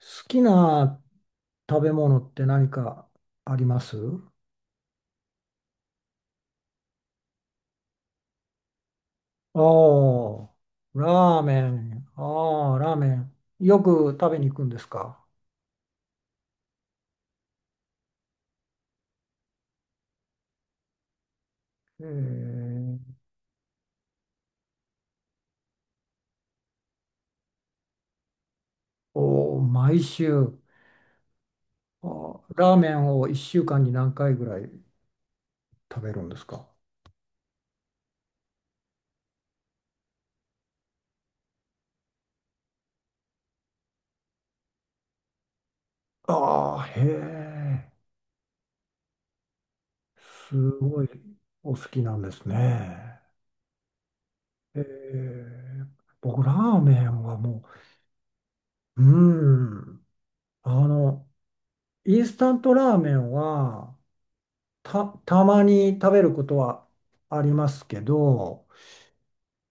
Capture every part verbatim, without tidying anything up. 好きな食べ物って何かあります？ああー、ラーメン。ああ、ラーメン。よく食べに行くんですか？ええ。おー、毎週。あー、ラーメンをいっしゅうかんに何回ぐらい食べるんですか？ああ、へえ。すごいお好きなんですね。ええ。僕、ラーメンはもう、うん。あの、インスタントラーメンはた、たまに食べることはありますけど、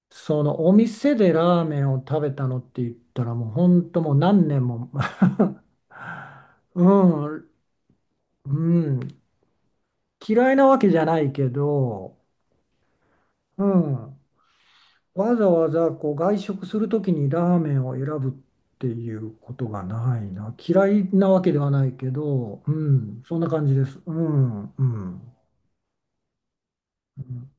そのお店でラーメンを食べたのって言ったらもう本当もう何年も うん、うん、嫌いなわけじゃないけど、うん、わざわざこう外食するときにラーメンを選ぶっていうことがないな。嫌いなわけではないけど、うん、そんな感じです。うん、うん。うん、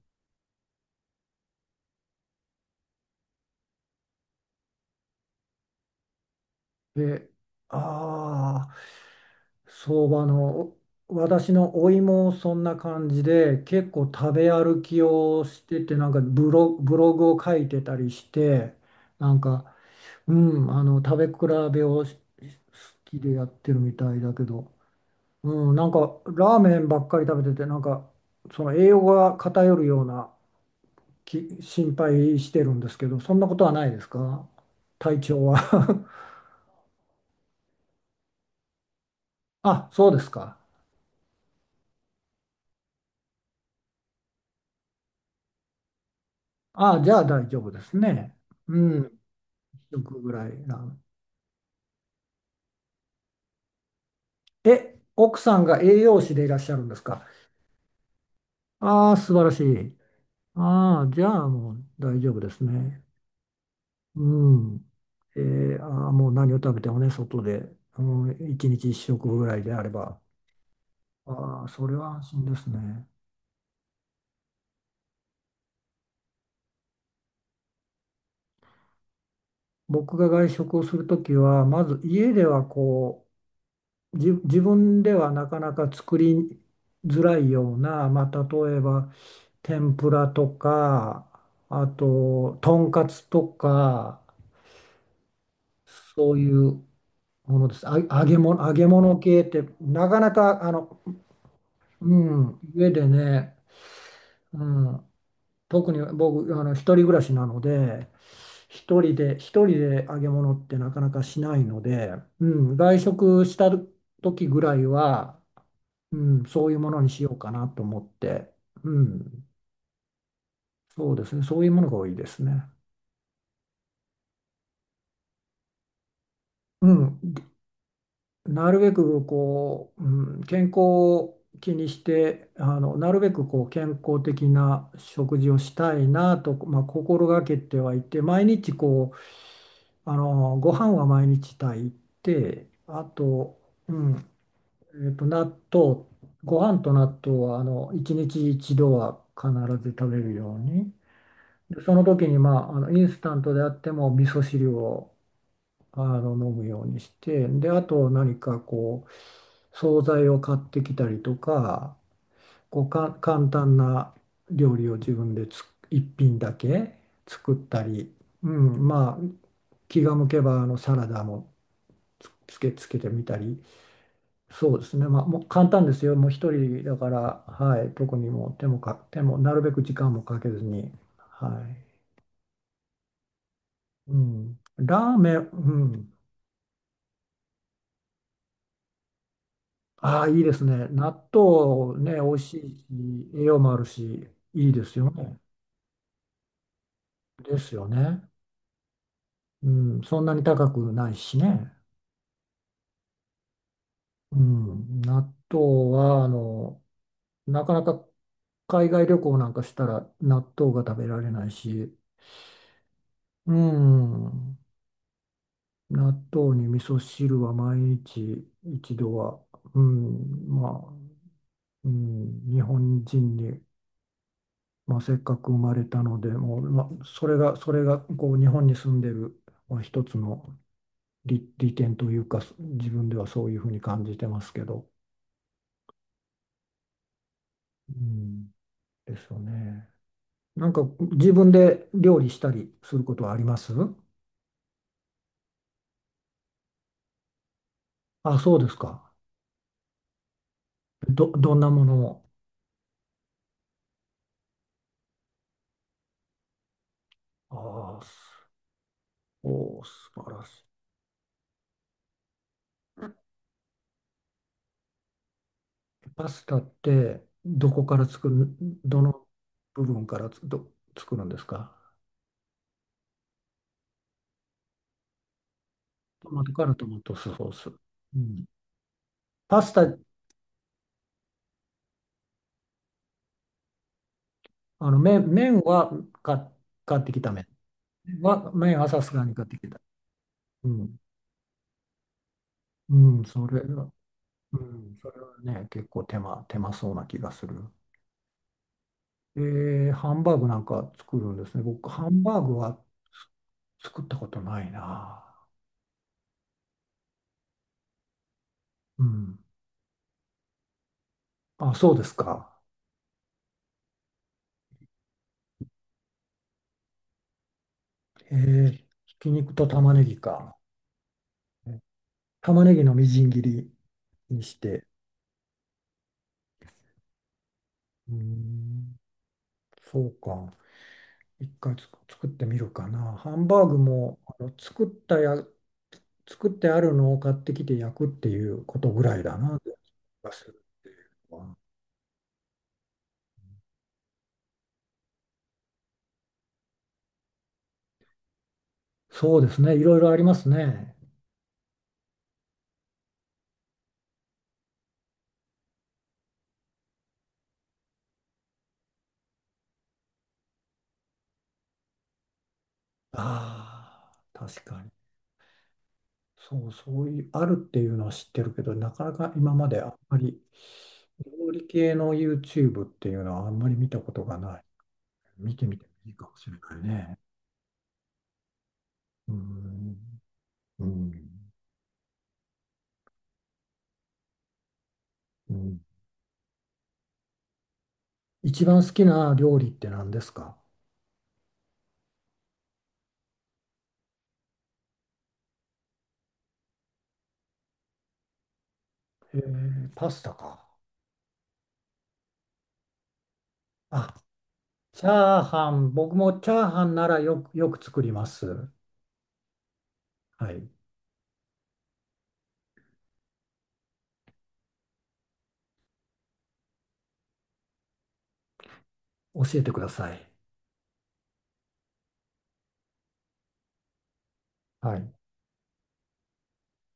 で、ああ、相場の、お、私のおいもそんな感じで、結構食べ歩きをしてて、なんかブロ、ブログを書いてたりして、なんか、うん、あの、食べ比べをし好きでやってるみたいだけど、うん、なんかラーメンばっかり食べてて、なんか、その栄養が偏るような、き心配してるんですけど、そんなことはないですか？体調は。 あ、そうですか。ああ、じゃあ大丈夫ですね。うん、食ぐらいな。え、奥さんが栄養士でいらっしゃるんですか？ああ、素晴らしい。ああ、じゃあもう大丈夫ですね。うん。えー、ああ、もう何を食べてもね、外で、うん、一日一食ぐらいであれば。ああ、それは安心ですね。僕が外食をするときは、まず家ではこう、じ自分ではなかなか作りづらいような、まあ、例えば、天ぷらとか、あと、とんかつとか、そういうものです。あ、揚げ物、揚げ物系って、なかなか、あの、うん、家でね、うん、特に僕、あの、一人暮らしなので、一人で、一人で揚げ物ってなかなかしないので、うん、外食した時ぐらいは、うん、そういうものにしようかなと思って、うん、そうですね、そういうものが多いですね。うん、なるべくこう、うん、健康を気にして、あのなるべくこう健康的な食事をしたいなと、まあ、心がけてはいて、毎日こうあのご飯は毎日炊いてあと、うん、えっと納豆ご飯と納豆はあのいちにちいちどは必ず食べるように、でその時に、まあ、あのインスタントであっても味噌汁をあの飲むようにして、で、あと何かこう、惣菜を買ってきたりとか、こうか簡単な料理を自分でつ一品だけ作ったり、うん、まあ、気が向けばあのサラダもつ、つけつけてみたり、そうですね、まあもう簡単ですよ、もう一人だから、はい、特にもう手もか、手もなるべく時間もかけずに、はい、うん、ラーメン、うん、ああ、いいですね。納豆ね、美味しいし、栄養もあるし、いいですよね。ですよね。うん、そんなに高くないしね。うん、納豆は、あの、なかなか海外旅行なんかしたら納豆が食べられないし、うん、納豆に味噌汁は毎日一度は、うん、まあ、うん、日本人に、まあ、せっかく生まれたので、もう、まあ、それが、それがこう日本に住んでる、まあ、一つの利、利点というか、自分ではそういうふうに感じてますけど、うん、ですよね。なんか自分で料理したりすることはあります？あ、そうですか。ど、どんなものを。ああ、お、素晴らしい。パスタってどこから作る、どの部分からつど作るんですか？トマトからトマトソース。うん、パスタ、あの麺、麺は買っ、買ってきた麺は、麺はさすがに買ってきた。うん。うん、それは、うん、それはね、結構手間、手間そうな気がする。えー、ハンバーグなんか作るんですね。僕、ハンバーグはつ作ったことないな。うん。あ、そうですか。えー、ひき肉と玉ねぎか。玉ねぎのみじん切りにして。うーん、そうか。一回つく作ってみるかな。ハンバーグもあの作ったや、作ってあるのを買ってきて焼くっていうことぐらいだな。そうですね。いろいろありますね。ああ、確かに。そう、そういう、あるっていうのは知ってるけど、なかなか今まであんまり料理系の ユーチューブ っていうのはあんまり見たことがない。見てみてもいいかもしれないね。うん、うん、うん。一番好きな料理って何ですか？えー、パスタか。あ、チャーハン、僕もチャーハンならよく、よく作ります。はい。教えてください。はい。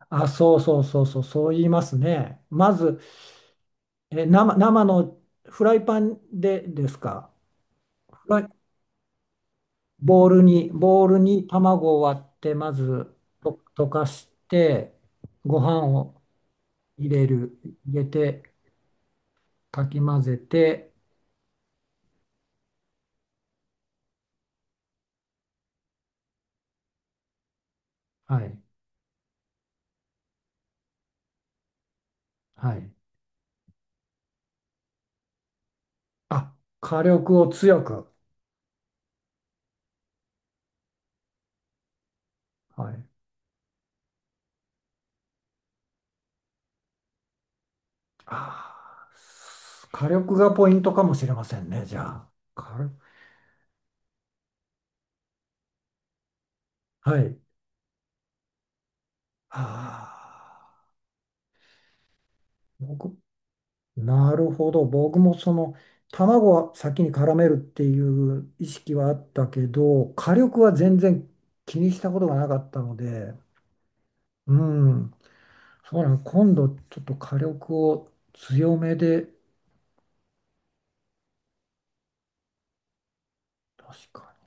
あ、そうそうそうそう、そう言いますね。まず、えー生、生のフライパンでですか。フライ、ボウルに、ボウルに卵を割って、まずと溶かして、ご飯を入れる、入れて、かき混ぜて、はい。はい。あ、火力を強く。はい、あー火力がポイントかもしれませんね、じゃあ。火力、はい。ああ、僕、なるほど。僕もその、卵は先に絡めるっていう意識はあったけど、火力は全然気にしたことがなかったので、うん、そうなの、今度ちょっと火力を強めで、確かに。